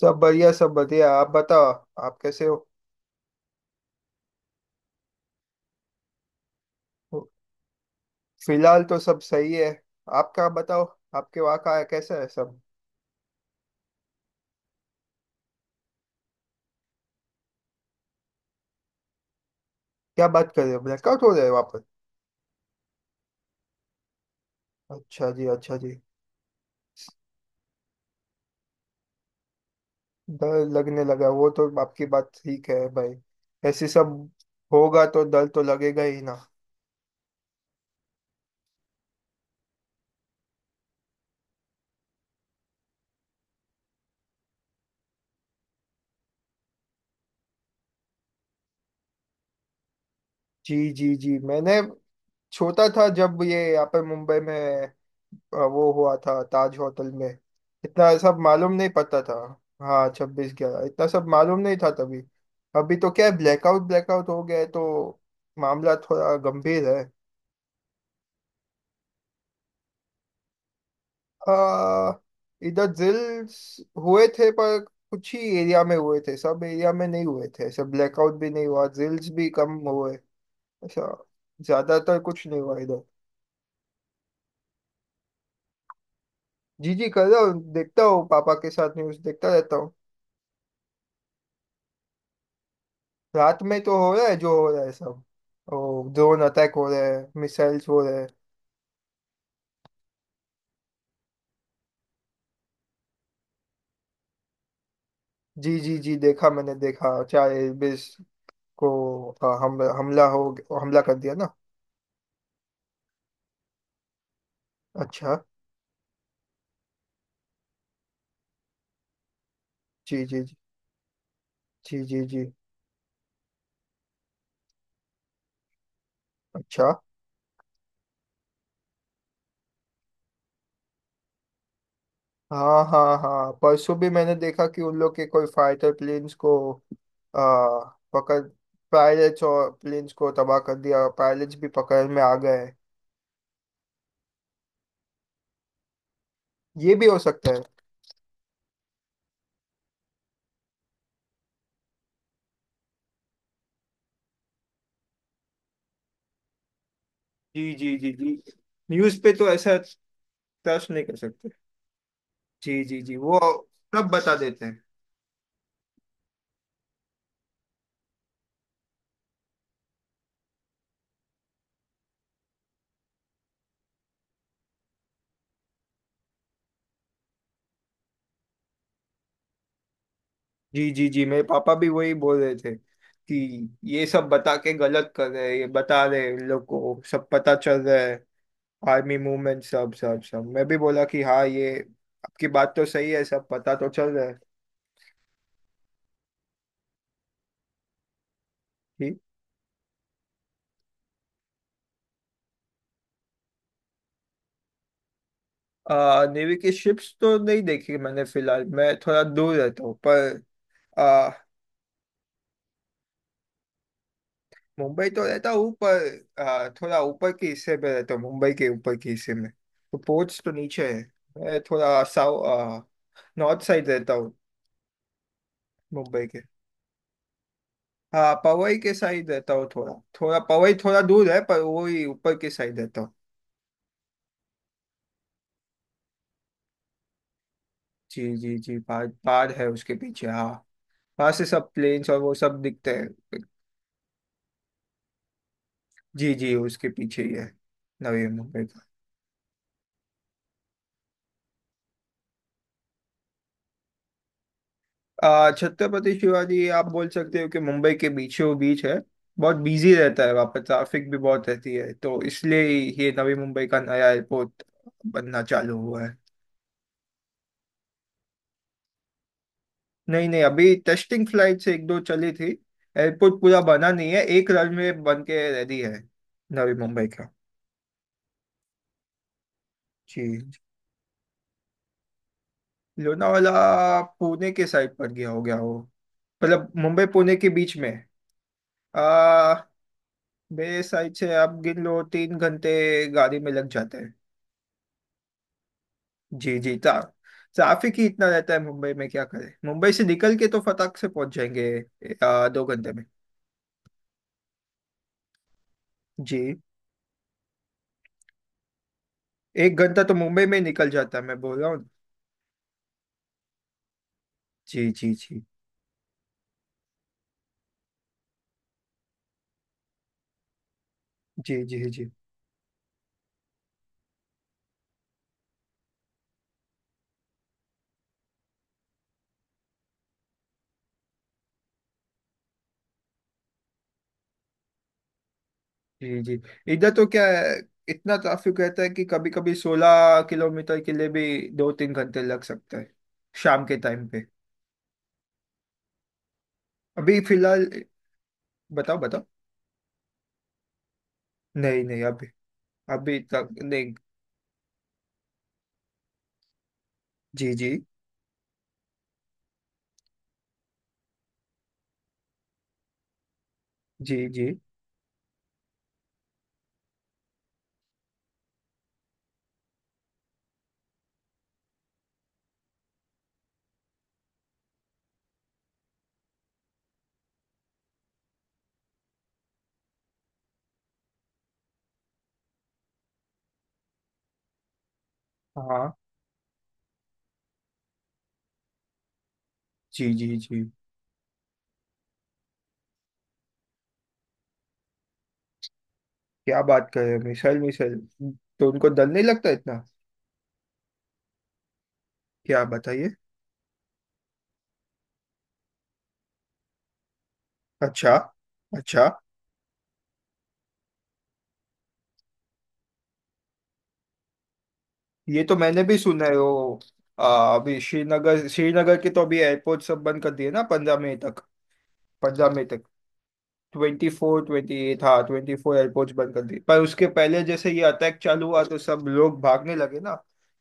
सब बढ़िया, सब बढ़िया, आप बताओ। आप कैसे हो? फिलहाल तो सब सही है। आपका बताओ। आपके वहाँ का कैसा है सब? क्या बात कर रहे हो, ब्लैकआउट हो रहे हो वापस? अच्छा जी, अच्छा जी। डर लगने लगा, वो तो आपकी बात ठीक है भाई। ऐसे सब होगा तो डर तो लगेगा ही ना। जी जी जी, मैंने छोटा था जब ये यहाँ पर मुंबई में वो हुआ था ताज होटल में। इतना सब मालूम नहीं पता था। हाँ, 26/11 इतना सब मालूम नहीं था तभी। अभी तो क्या है, ब्लैकआउट, ब्लैकआउट हो गया है तो मामला थोड़ा गंभीर है। आ, इधर drills हुए थे पर कुछ ही एरिया में हुए थे, सब एरिया में नहीं हुए थे, सब। ब्लैकआउट भी नहीं हुआ, drills भी कम हुए। ऐसा ज्यादातर कुछ नहीं हुआ इधर। जी जी, कर रहा हूँ, देखता हूँ, पापा के साथ न्यूज़ देखता रहता हूँ। रात में तो हो रहा है जो हो रहा है सब। ओ, ड्रोन अटैक हो रहे हैं, मिसाइल्स हो रहे हैं। जी जी जी, देखा मैंने, देखा 4 एयरबेस को हम हमला हो हमला कर दिया ना। अच्छा। जी जी जी जी जी जी। अच्छा। हाँ हाँ हाँ, परसों भी मैंने देखा कि उन लोग के कोई फाइटर प्लेन्स को आ, पकड़ पायलट्स और प्लेन्स को तबाह कर दिया, पायलट्स भी पकड़ में आ गए। ये भी हो सकता है। जी जी जी जी। न्यूज़ पे तो ऐसा ट्रस्ट नहीं कर सकते। जी जी जी, वो सब बता देते हैं। जी जी जी, मेरे पापा भी वही बोल रहे थे कि ये सब बता के गलत कर रहे हैं, ये बता रहे हैं, लोग को सब पता चल रहा है। आर्मी मूवमेंट सब सब सब, मैं भी बोला कि हाँ, ये आपकी बात तो सही है, सब पता तो चल रहा है। ठीक। नेवी की शिप्स तो नहीं देखी मैंने, फिलहाल मैं थोड़ा दूर रहता हूँ पर आ, मुंबई तो रहता हूँ पर थोड़ा ऊपर के हिस्से पे रहता हूँ, मुंबई के ऊपर के हिस्से में। तो पोर्ट्स तो नीचे है, मैं थोड़ा साउ नॉर्थ साइड रहता हूँ। मुंबई के, हाँ, पवई के साइड रहता हूँ थोड़ा, थोड़ा। पवई थोड़ा दूर है पर वो ही ऊपर के साइड रहता हूँ। जी जी जी, पहाड़, पहाड़ है उसके पीछे, हाँ। वहाँ से सब प्लेन्स और वो सब दिखते हैं। जी जी, उसके पीछे ही है, नवी मुंबई का। छत्रपति शिवाजी, आप बोल सकते हो कि मुंबई के बीचों बीच है। बहुत बिजी रहता है वहाँ पर, ट्रैफिक भी बहुत रहती है, तो इसलिए ये नवी मुंबई का नया एयरपोर्ट बनना चालू हुआ है। नहीं नहीं, अभी टेस्टिंग फ्लाइट एक दो चली थी, एयरपोर्ट पूरा बना नहीं है, एक रनवे बन के रेडी है, नवी मुंबई का। जी जी। लोनावाला पुणे के साइड पर गया, हो गया वो। मतलब मुंबई पुणे के बीच में। आ मेरे साइड से आप गिन लो, 3 घंटे गाड़ी में लग जाते हैं। जी जी, ट्रा ट्रैफिक ही इतना रहता है मुंबई में, क्या करें, मुंबई से निकल के तो फटाक से पहुंच जाएंगे 2 घंटे में। जी, 1 घंटा तो मुंबई में ही निकल जाता है, मैं बोल रहा हूँ। जी जी जी। जी जी जी जी जी। इधर तो क्या है, इतना ट्रैफिक रहता है कि कभी कभी 16 किलोमीटर के लिए भी 2-3 घंटे लग सकता है, शाम के टाइम पे। अभी फिलहाल, बताओ बताओ। नहीं नहीं, अभी, अभी तक नहीं। जी जी जी जी, हाँ। जी जी जी। क्या बात कर रहे हैं, मिसाइल मिसाइल, तो उनको डर नहीं लगता इतना? क्या बताइए? अच्छा। अच्छा, ये तो मैंने भी सुना है, वो अभी श्रीनगर, श्रीनगर के तो अभी एयरपोर्ट सब बंद कर दिए ना 15 मई तक। पंजाब में तक 24, 28, हाँ 24 एयरपोर्ट्स बंद कर दिए, पर उसके पहले जैसे ये अटैक चालू हुआ तो सब लोग भागने लगे ना।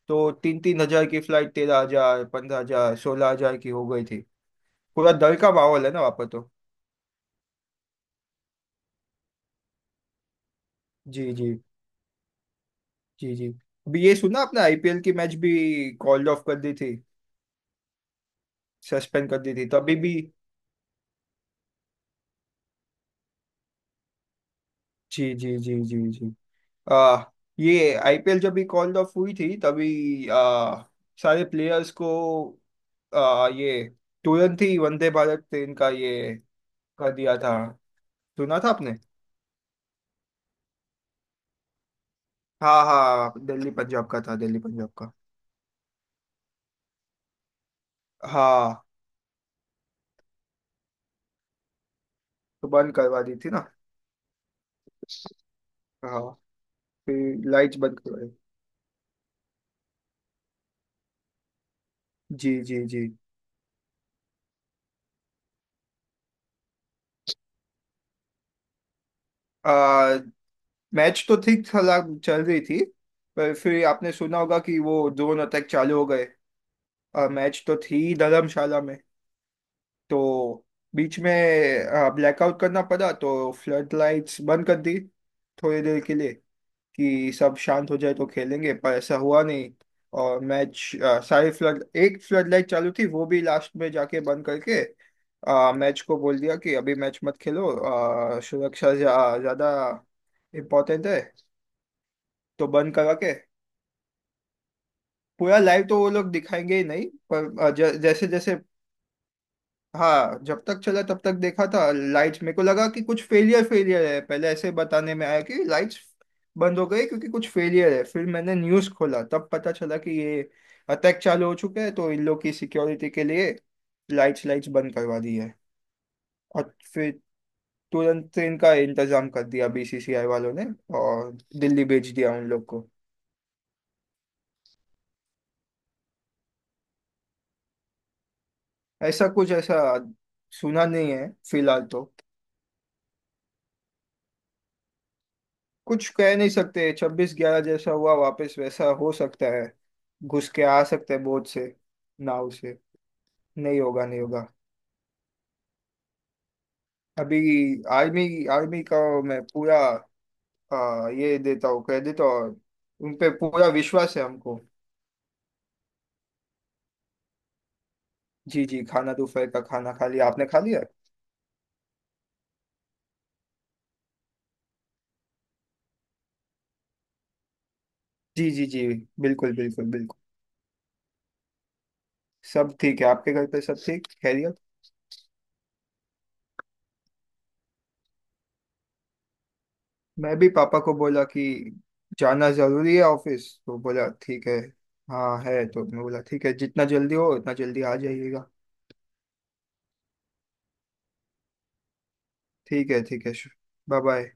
तो 3-3 हजार की फ्लाइट 13,000, 15,000, 16,000 की हो गई थी। पूरा डर का माहौल है ना वहाँ पर तो। जी जी जी जी। अभी ये सुना आपने, आईपीएल की मैच भी कॉल्ड ऑफ कर दी थी। सस्पेंड कर दी थी तो अभी भी। जी जी जी जी जी। आ, ये आईपीएल जब भी कॉल्ड ऑफ हुई थी, तभी सारे प्लेयर्स को ये तुरंत ही वंदे भारत ट्रेन का ये कर दिया था। सुना था आपने? हाँ हाँ, दिल्ली पंजाब का था, दिल्ली पंजाब का। हाँ, तो बंद करवा दी थी ना। हाँ, फिर लाइट्स बंद करवाई। जी जी जी। आ, मैच तो ठीक चला, चल रही थी, पर फिर आपने सुना होगा कि वो ड्रोन अटैक चालू हो गए। मैच तो थी धर्मशाला में, तो बीच में ब्लैकआउट करना पड़ा, तो फ्लड लाइट्स बंद कर दी थोड़ी देर के लिए, कि सब शांत हो जाए तो खेलेंगे, पर ऐसा हुआ नहीं। और मैच, सारी फ्लड, एक फ्लड लाइट चालू थी, वो भी लास्ट में जाके बंद करके मैच को बोल दिया कि अभी मैच मत खेलो, सुरक्षा ज्यादा इम्पोर्टेंट है। तो बंद करा के, पूरा लाइव तो वो लोग दिखाएंगे ही नहीं, पर जैसे जैसे, हाँ जब तक चला तब तक देखा था। लाइट्स, मेरे को लगा कि कुछ फेलियर, फेलियर है, पहले ऐसे बताने में आया कि लाइट्स बंद हो गई क्योंकि कुछ फेलियर है। फिर मैंने न्यूज़ खोला तब पता चला कि ये अटैक चालू हो चुका है, तो इन लोग की सिक्योरिटी के लिए लाइट्स, लाइट्स बंद करवा दी है। और फिर तुरंत ट्रेन का इंतजाम कर दिया बीसीसीआई वालों ने, और दिल्ली भेज दिया उन लोग को। ऐसा कुछ, ऐसा सुना नहीं है फिलहाल तो। कुछ कह नहीं सकते, 26/11 जैसा हुआ वापस वैसा हो सकता है। घुस के आ सकते हैं बोझ से, नाव से। नहीं होगा, नहीं होगा। अभी आर्मी, आर्मी का मैं पूरा ये देता हूँ क्रेडिट, और उन पे पूरा विश्वास है हमको। जी जी, खाना दोपहर का खाना खा लिया, आपने खा लिया? जी जी जी, बिल्कुल बिल्कुल बिल्कुल। सब ठीक है, आपके घर पे सब ठीक खैरियत? मैं भी पापा को बोला कि जाना जरूरी है ऑफिस, तो बोला ठीक है। हाँ है, तो मैं बोला ठीक है, जितना जल्दी हो उतना जल्दी आ जाइएगा। ठीक है, ठीक है। Bye bye.